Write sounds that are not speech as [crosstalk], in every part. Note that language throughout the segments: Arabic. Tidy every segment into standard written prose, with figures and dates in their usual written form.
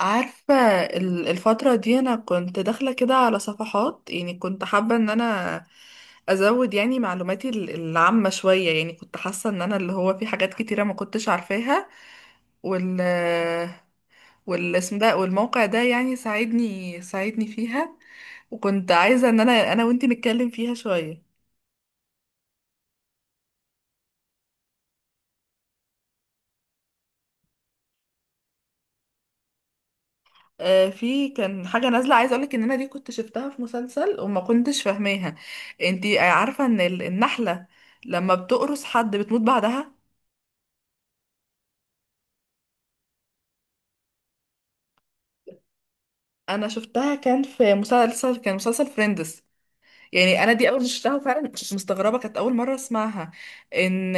عارفة؟ الفترة دي أنا كنت داخلة كده على صفحات، يعني كنت حابة إن أنا أزود، يعني معلوماتي العامة شوية، يعني كنت حاسة إن أنا اللي هو في حاجات كتيرة ما كنتش عارفاها، وال والاسم ده والموقع ده يعني ساعدني فيها، وكنت عايزة إن أنا وإنتي نتكلم فيها شوية. في كان حاجة نازلة عايزة أقولك إن أنا دي كنت شفتها في مسلسل وما كنتش فاهماها. انتي عارفة إن النحلة لما بتقرص حد بتموت بعدها؟ انا شفتها كان في مسلسل، كان مسلسل فريندز. يعني انا دي اول ما شفتها فعلا كنت مستغربه، كانت اول مره اسمعها. ان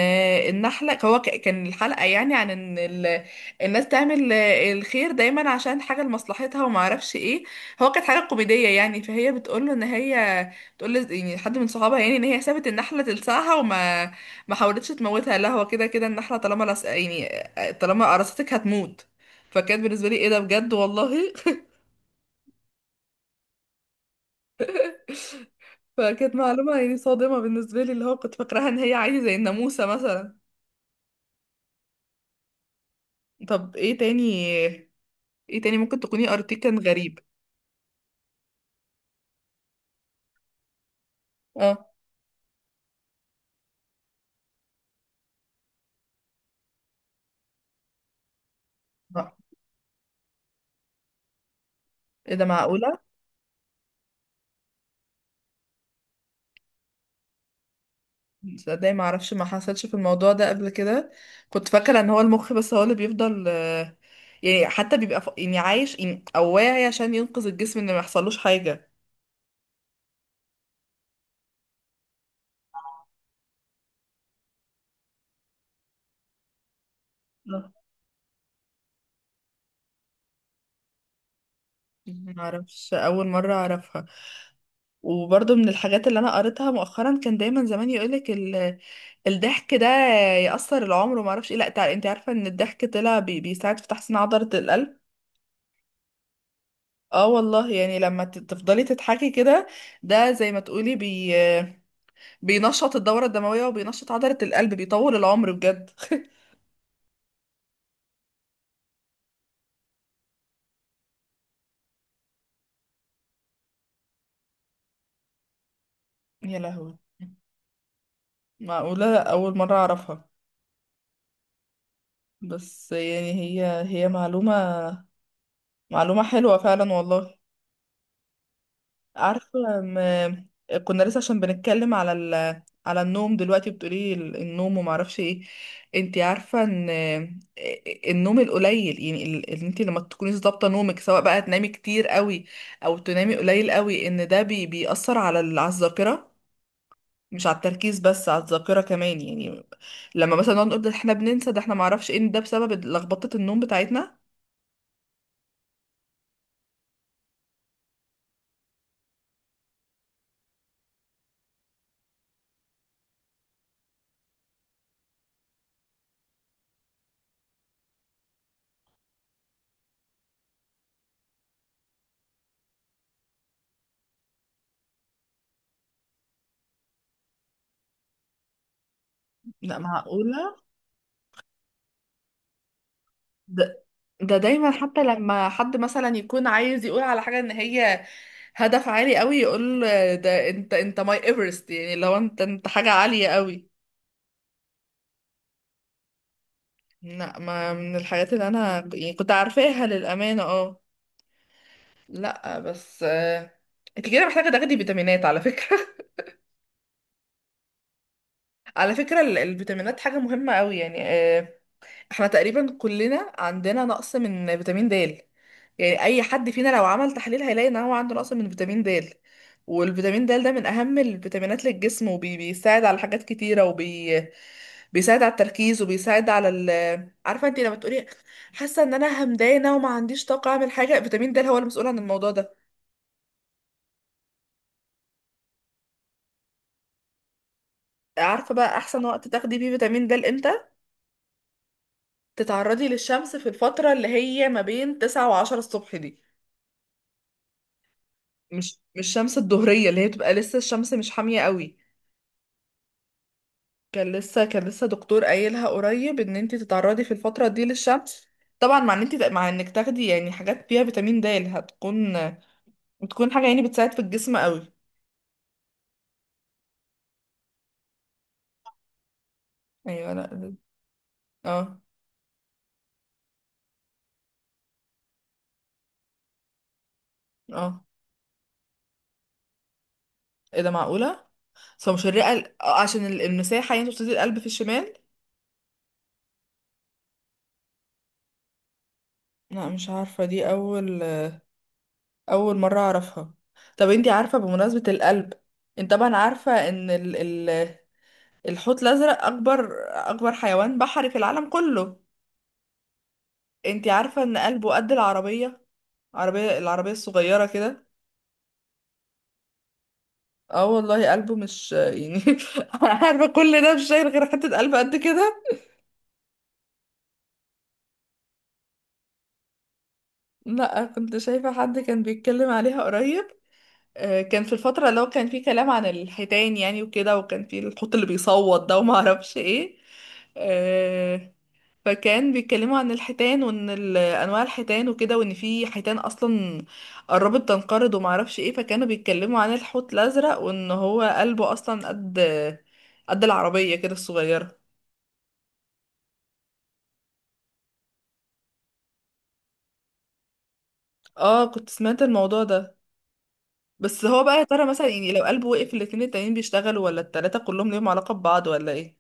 النحله هو كان الحلقه يعني عن ان الناس تعمل الخير دايما عشان حاجه لمصلحتها وما اعرفش ايه. هو كانت حاجه كوميديه، يعني فهي بتقول له ان هي بتقول له يعني حد من صحابها، يعني ان هي سابت النحله تلسعها وما ما حاولتش تموتها. لا هو كده كده النحله طالما لس... يعني طالما قرصتك هتموت. فكانت بالنسبه لي ايه ده بجد والله. [laughs] فكانت معلومة يعني صادمة بالنسبة لي، اللي هو كنت فاكراها ان هي عادي زي الناموسة مثلا. طب ايه تاني؟ ايه تاني ممكن تكوني قريتيه كان غريب؟ اه. آه. ايه ده؟ معقولة؟ تصدقي ما اعرفش، ما حصلش في الموضوع ده قبل كده. كنت فاكرة ان هو المخ بس هو اللي بيفضل يعني حتى بيبقى عايش، يعني او واعي عشان ينقذ الجسم ان ما يحصلوش حاجة. آه. ما اعرفش، اول مرة اعرفها. وبرضه من الحاجات اللي انا قريتها مؤخرا، كان دايما زمان يقولك الضحك ده يأثر العمر وما اعرفش ايه. لا انت عارفة ان الضحك طلع بيساعد في تحسين عضلة القلب؟ اه والله، يعني لما تفضلي تضحكي كده ده زي ما تقولي بينشط الدورة الدموية وبينشط عضلة القلب، بيطول العمر بجد. [laughs] يا لهوي! معقولة، أول مرة أعرفها. بس يعني هي معلومة حلوة فعلا والله. عارفة، كنا لسه عشان بنتكلم على النوم دلوقتي بتقولي النوم وما اعرفش ايه. انت عارفة ان النوم القليل يعني ان انت لما تكوني ظابطة نومك سواء بقى تنامي كتير قوي او تنامي قليل قوي ان ده بيأثر على الذاكرة، مش على التركيز بس، على الذاكرة كمان يعني. لما مثلا نقعد نقول ده احنا بننسى ده احنا ما اعرفش ايه، ده بسبب لخبطة النوم بتاعتنا. لا معقولة. ده ده دايما حتى لما حد مثلا يكون عايز يقول على حاجة ان هي هدف عالي قوي يقول ده انت انت ماي ايفرست، يعني لو انت حاجة عالية قوي. لا، ما من الحاجات اللي انا كنت عارفاها للأمانة، اه. لا بس انت كده محتاجة تاخدي فيتامينات على فكرة. [laughs] على فكرة الفيتامينات حاجة مهمة قوي يعني. احنا تقريبا كلنا عندنا نقص من فيتامين د. يعني اي حد فينا لو عمل تحليل هيلاقي ان هو عنده نقص من فيتامين د. والفيتامين د ده من اهم الفيتامينات للجسم، وبيساعد على حاجات كتيره، وبيساعد على التركيز، وبيساعد عارفه انت لما تقولي حاسه ان انا همدانه وما عنديش طاقه اعمل حاجه، فيتامين د هو المسؤول عن الموضوع ده. عارفه بقى احسن وقت تاخدي بيه فيتامين د امتى؟ تتعرضي للشمس في الفتره اللي هي ما بين 9 و10 الصبح دي. مش الشمس الظهريه اللي هي بتبقى لسه الشمس مش حاميه قوي. كان لسه دكتور قايلها قريب ان انت تتعرضي في الفتره دي للشمس. طبعا مع ان انت مع انك تاخدي يعني حاجات فيها فيتامين د بتكون حاجه يعني بتساعد في الجسم قوي. ايوه. لا. اه. اه. ايه ده؟ معقوله؟ بس هو مش الرئه عشان المساحه يعني تبتدي القلب في الشمال. لا مش عارفه، دي اول مره اعرفها. طب انت عارفه بمناسبه القلب، انت طبعا عارفه ان الحوت الازرق اكبر حيوان بحري في العالم كله؟ انتي عارفة ان قلبه قد العربية؟ العربية الصغيرة كده. اه والله، قلبه مش يعني [laughs] عارفة كل ده مش شايل غير حتة قلب قد كده. لا كنت شايفة حد كان بيتكلم عليها قريب. كان في الفترة اللي هو كان فيه كلام عن الحيتان يعني وكده، وكان فيه الحوت اللي بيصوت ده وما اعرفش ايه. آه، فكان بيتكلموا عن الحيتان وان انواع الحيتان وكده، وان في حيتان اصلا قربت تنقرض وما اعرفش ايه. فكانوا بيتكلموا عن الحوت الازرق وان هو قلبه اصلا قد العربيه كده الصغيره. اه كنت سمعت الموضوع ده، بس هو بقى يا ترى مثلا يعني لو قلبه وقف الاتنين التانيين بيشتغلوا، ولا التلاته كلهم ليهم علاقه ببعض ولا ايه؟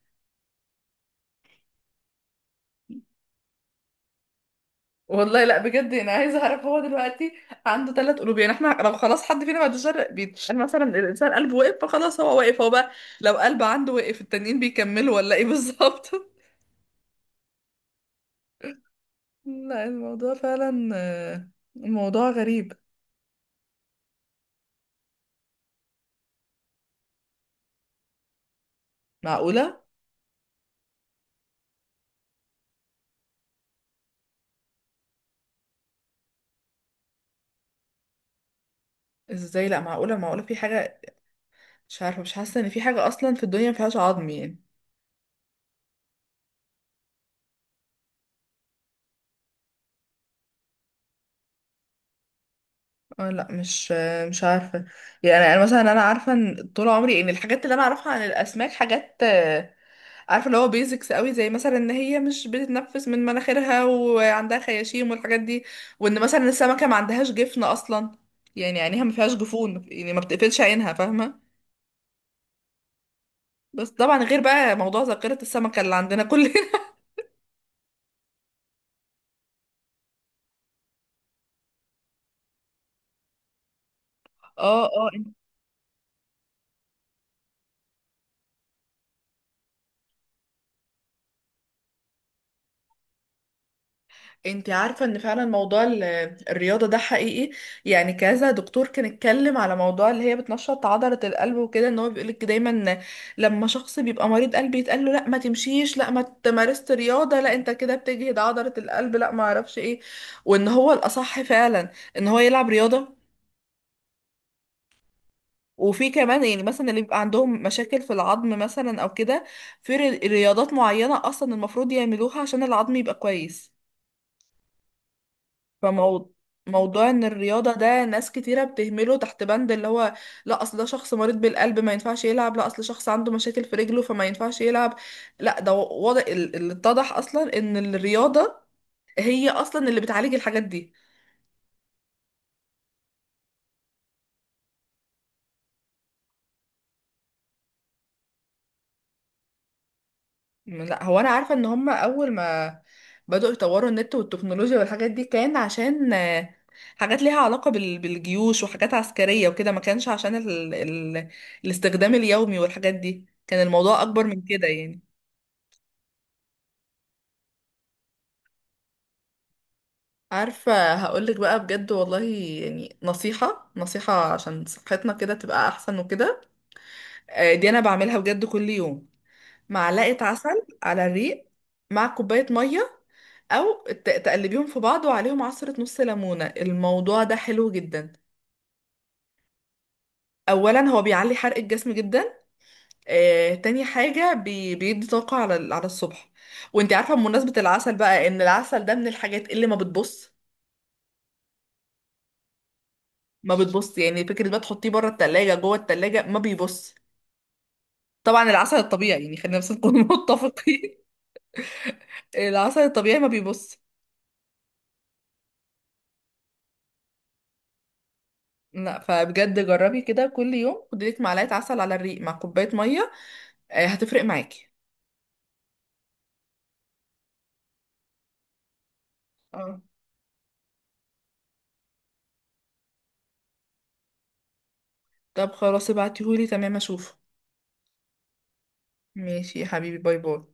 والله لا بجد انا عايزه اعرف، هو دلوقتي عنده ثلاث قلوب، يعني احنا لو خلاص حد فينا ما عندوش قلب بيتقال مثلا الانسان قلبه وقف فخلاص هو واقف هو بقى، لو قلب عنده وقف التانيين بيكملوا ولا ايه بالظبط؟ [laughs] لا الموضوع فعلا الموضوع غريب. معقوله؟ ازاي؟ لا معقوله، معقوله في حاجه مش عارفه، مش حاسه ان في حاجه اصلا في الدنيا ما فيهاش عظم يعني. اه لا مش عارفه. يعني انا أنا مثلا انا عارفه ان طول عمري ان الحاجات اللي انا اعرفها عن الاسماك حاجات عارفه اللي هو بيزكس قوي، زي مثلا ان هي مش بتتنفس من مناخيرها وعندها خياشيم والحاجات دي، وان مثلا السمكه ما عندهاش جفن اصلا، يعني عينيها ما فيهاش جفون يعني ما بتقفلش عينها، فاهمه؟ بس طبعا غير بقى موضوع ذاكره السمكه اللي عندنا كلنا. [laughs] اه، اه. انت عارفة ان فعلا موضوع الرياضة ده حقيقي؟ يعني كذا دكتور كان اتكلم على موضوع اللي هي بتنشط عضلة القلب وكده، ان هو بيقولك دايما لما شخص بيبقى مريض قلب يتقال له لا ما تمشيش، لا ما تمارست رياضة، لا انت كده بتجهد عضلة القلب، لا ما اعرفش ايه، وان هو الاصح فعلا ان هو يلعب رياضة. وفي كمان يعني مثلا اللي بيبقى عندهم مشاكل في العظم مثلا او كده، في رياضات معينة اصلا المفروض يعملوها عشان العظم يبقى كويس. فموضوع ان الرياضة ده ناس كتيرة بتهمله تحت بند اللي هو لا اصل ده شخص مريض بالقلب ما ينفعش يلعب، لا اصل شخص عنده مشاكل في رجله فما ينفعش يلعب. لا ده واضح، اللي اتضح اصلا ان الرياضة هي اصلا اللي بتعالج الحاجات دي. لا هو انا عارفة ان هما اول ما بدأوا يطوروا النت والتكنولوجيا والحاجات دي كان عشان حاجات ليها علاقة بالجيوش وحاجات عسكرية وكده، ما كانش عشان الاستخدام اليومي والحاجات دي، كان الموضوع اكبر من كده يعني. عارفة هقولك بقى بجد والله، يعني نصيحة عشان صحتنا كده تبقى أحسن وكده، دي أنا بعملها بجد كل يوم: معلقة عسل على الريق مع كوباية مية، أو تقلبيهم في بعض وعليهم عصرة نص ليمونة. الموضوع ده حلو جدا، أولا هو بيعلي حرق الجسم جدا، تاني حاجة بيدي طاقة على الصبح. وانت عارفة بمناسبة العسل بقى، إن العسل ده من الحاجات اللي ما بتبص يعني، فكرة بقى تحطيه بره التلاجة جوه التلاجة ما بيبص. طبعا العسل الطبيعي يعني خلينا بس نكون [laughs] متفقين، العسل الطبيعي ما بيبص. لا فبجد جربي كده كل يوم، خدي لك معلقه عسل على الريق مع كوبايه ميه، هتفرق معاكي. اه. طب خلاص ابعتيهولي تمام اشوفه. ماشي يا حبيبي، باي باي.